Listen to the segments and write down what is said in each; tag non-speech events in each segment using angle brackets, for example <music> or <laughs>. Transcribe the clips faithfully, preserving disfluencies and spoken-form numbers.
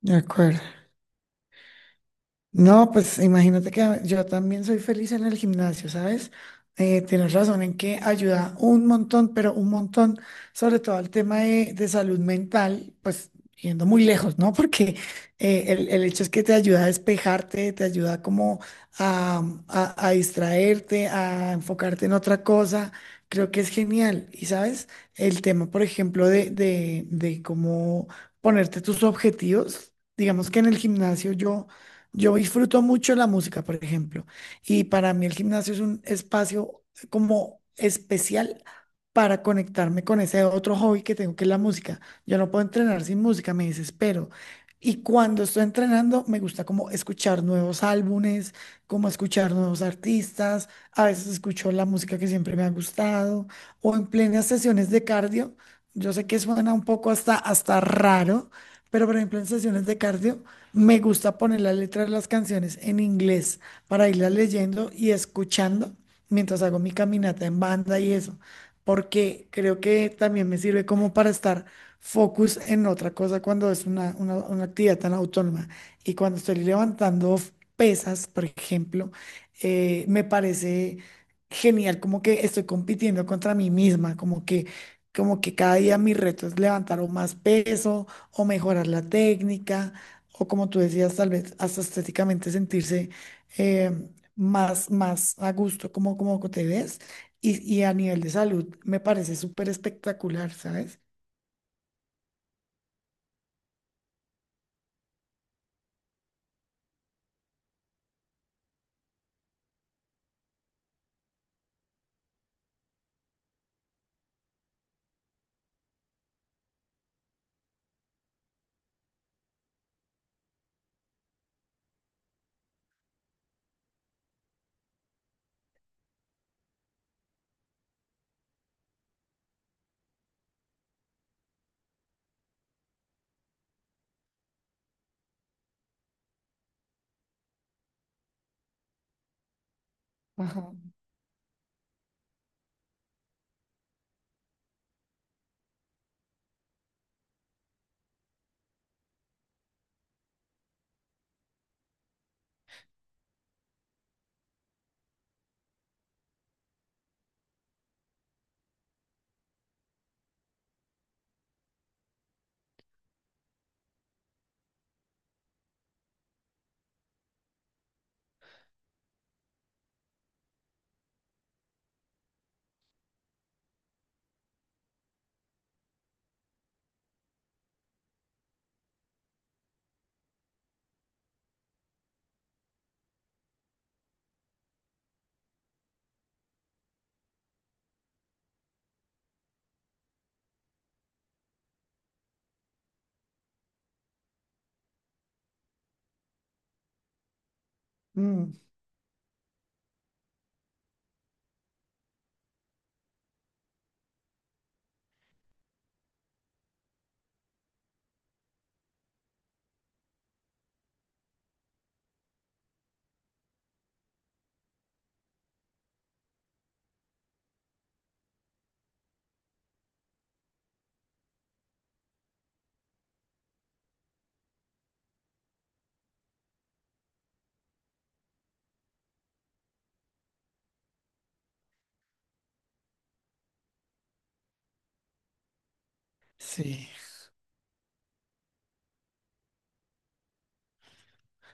De acuerdo. No, pues imagínate que yo también soy feliz en el gimnasio, ¿sabes? Eh, tienes razón en que ayuda un montón, pero un montón, sobre todo al tema de, de salud mental, pues yendo muy lejos, ¿no? <laughs> Porque eh, el, el hecho es que te ayuda a despejarte, te ayuda como a, a, a distraerte, a enfocarte en otra cosa. Creo que es genial. Y sabes, el tema, por ejemplo, de, de, de cómo ponerte tus objetivos, digamos que en el gimnasio yo... Yo disfruto mucho la música, por ejemplo, y para mí el gimnasio es un espacio como especial para conectarme con ese otro hobby que tengo, que es la música. Yo no puedo entrenar sin música, me desespero. Y cuando estoy entrenando, me gusta como escuchar nuevos álbumes, como escuchar nuevos artistas. A veces escucho la música que siempre me ha gustado, o en plenas sesiones de cardio. Yo sé que suena un poco hasta, hasta raro, pero por ejemplo en sesiones de cardio. Me gusta poner las letras de las canciones en inglés para irlas leyendo y escuchando mientras hago mi caminata en banda y eso, porque creo que también me sirve como para estar focus en otra cosa cuando es una, una, una actividad tan autónoma. Y cuando estoy levantando pesas, por ejemplo, eh, me parece genial como que estoy compitiendo contra mí misma, como que... Como que cada día mi reto es levantar o más peso o mejorar la técnica o como tú decías, tal vez hasta estéticamente sentirse eh, más, más a gusto como, como te ves y, y a nivel de salud me parece súper espectacular, ¿sabes? Ajá. Mm, sí.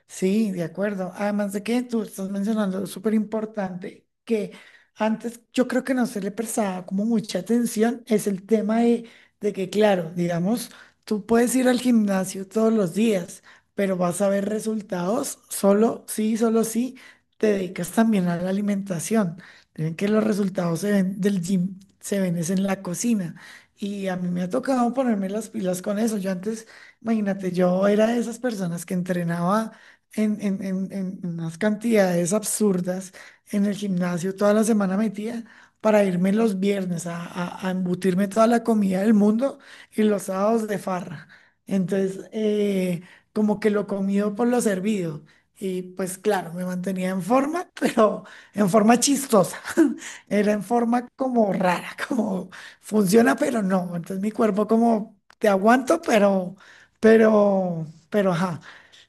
Sí, de acuerdo. Además de que tú estás mencionando, es súper importante que antes yo creo que no se le prestaba como mucha atención, es el tema de, de que, claro, digamos, tú puedes ir al gimnasio todos los días, pero vas a ver resultados solo sí, solo sí, te dedicas también a la alimentación. Dicen que los resultados se ven del gym, se ven es en la cocina. Y a mí me ha tocado ponerme las pilas con eso. Yo antes, imagínate, yo era de esas personas que entrenaba en, en- en- en unas cantidades absurdas en el gimnasio toda la semana metida para irme los viernes a, a- a embutirme toda la comida del mundo y los sábados de farra. Entonces, eh, como que lo comido por lo servido. Y pues claro, me mantenía en forma, <laughs> pero en forma chistosa. <laughs> Era en forma como rara, <laughs> como funciona, pero no. Entonces mi cuerpo como te aguanto, pero, pero, pero, ajá.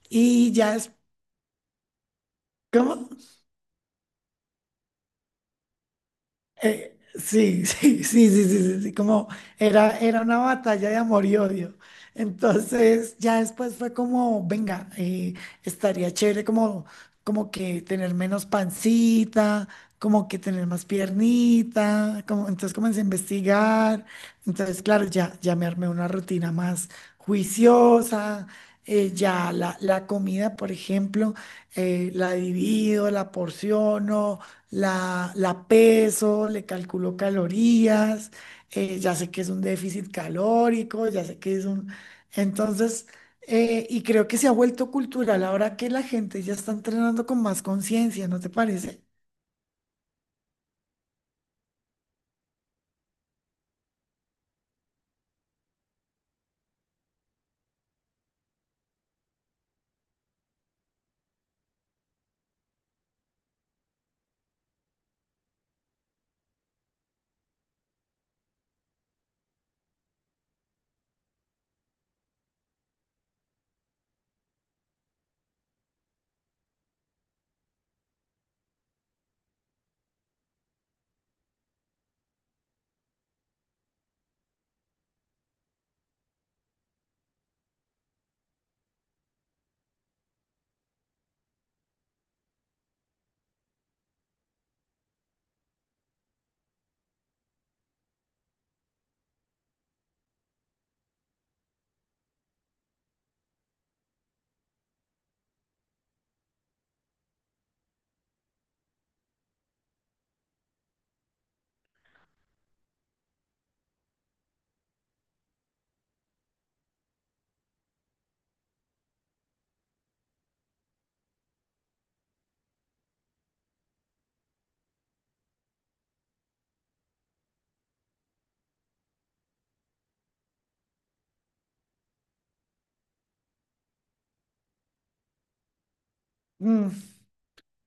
Y ya ¿cómo? Eh, sí, <laughs> sí, sí, sí, sí, sí, sí, como era, era una batalla de amor y odio. Entonces, ya después fue como, venga, eh, estaría chévere como, como que tener menos pancita, como que tener más piernita, como, entonces comencé a investigar. Entonces, claro, ya, ya me armé una rutina más juiciosa. Eh, ya la, la comida, por ejemplo, eh, la divido, la porciono la, la peso, le calculo calorías, eh, ya sé que es un déficit calórico, ya sé que es un... Entonces, eh, y creo que se ha vuelto cultural ahora que la gente ya está entrenando con más conciencia, ¿no te parece? Mm.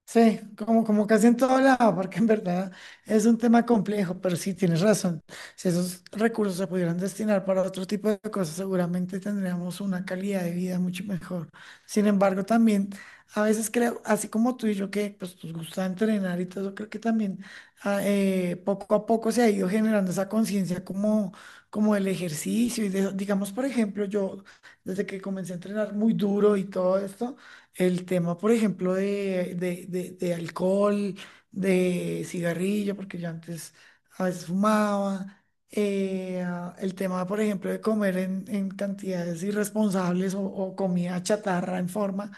Sí, como, como casi en todo lado, porque en verdad es un tema complejo, pero sí tienes razón. Si esos recursos se pudieran destinar para otro tipo de cosas, seguramente tendríamos una calidad de vida mucho mejor. Sin embargo, también a veces creo, así como tú y yo, que pues nos gusta entrenar y todo, creo que también ah, eh, poco a poco se ha ido generando esa conciencia como, como el ejercicio. Y de- digamos, por ejemplo, yo desde que comencé a entrenar muy duro y todo esto. El tema, por ejemplo, de, de, de- de alcohol, de cigarrillo, porque yo antes a veces fumaba. Eh, ah, el tema, por ejemplo, de comer en, en cantidades irresponsables o, o comida chatarra en forma,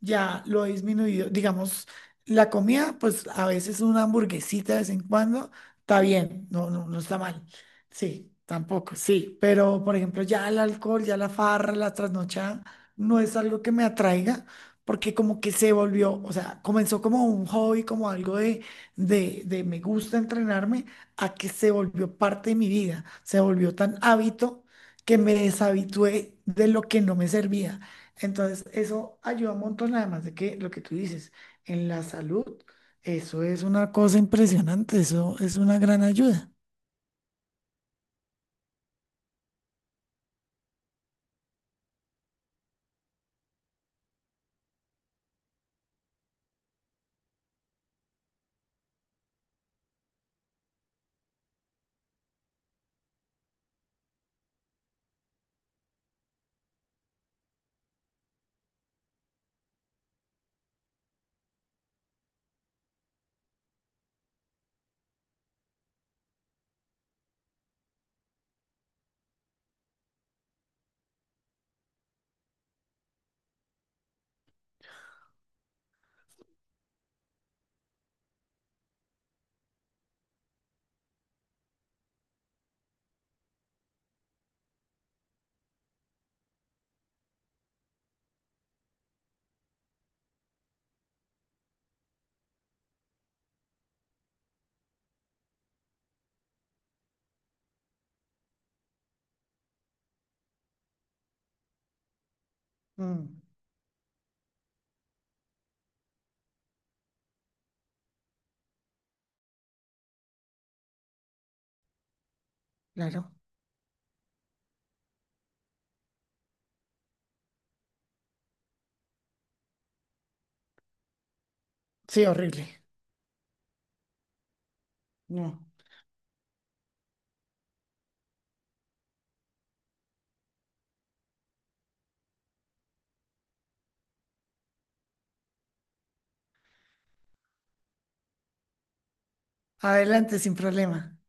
ya lo he disminuido. Digamos, la comida, pues a veces una hamburguesita de vez en cuando está bien, no, no, no está mal. Sí, tampoco, sí. Pero, por ejemplo, ya el alcohol, ya la farra, la trasnochada, no es algo que me atraiga porque como que se volvió, o sea, comenzó como un hobby, como algo de, de, de me gusta entrenarme, a que se volvió parte de mi vida, se volvió tan hábito que me deshabitué de lo que no me servía. Entonces, eso ayuda un montón, además de que lo que tú dices, en la salud, eso es una cosa impresionante, eso es una gran ayuda. Mm, claro, sí, horrible. No. Adelante, sin problema.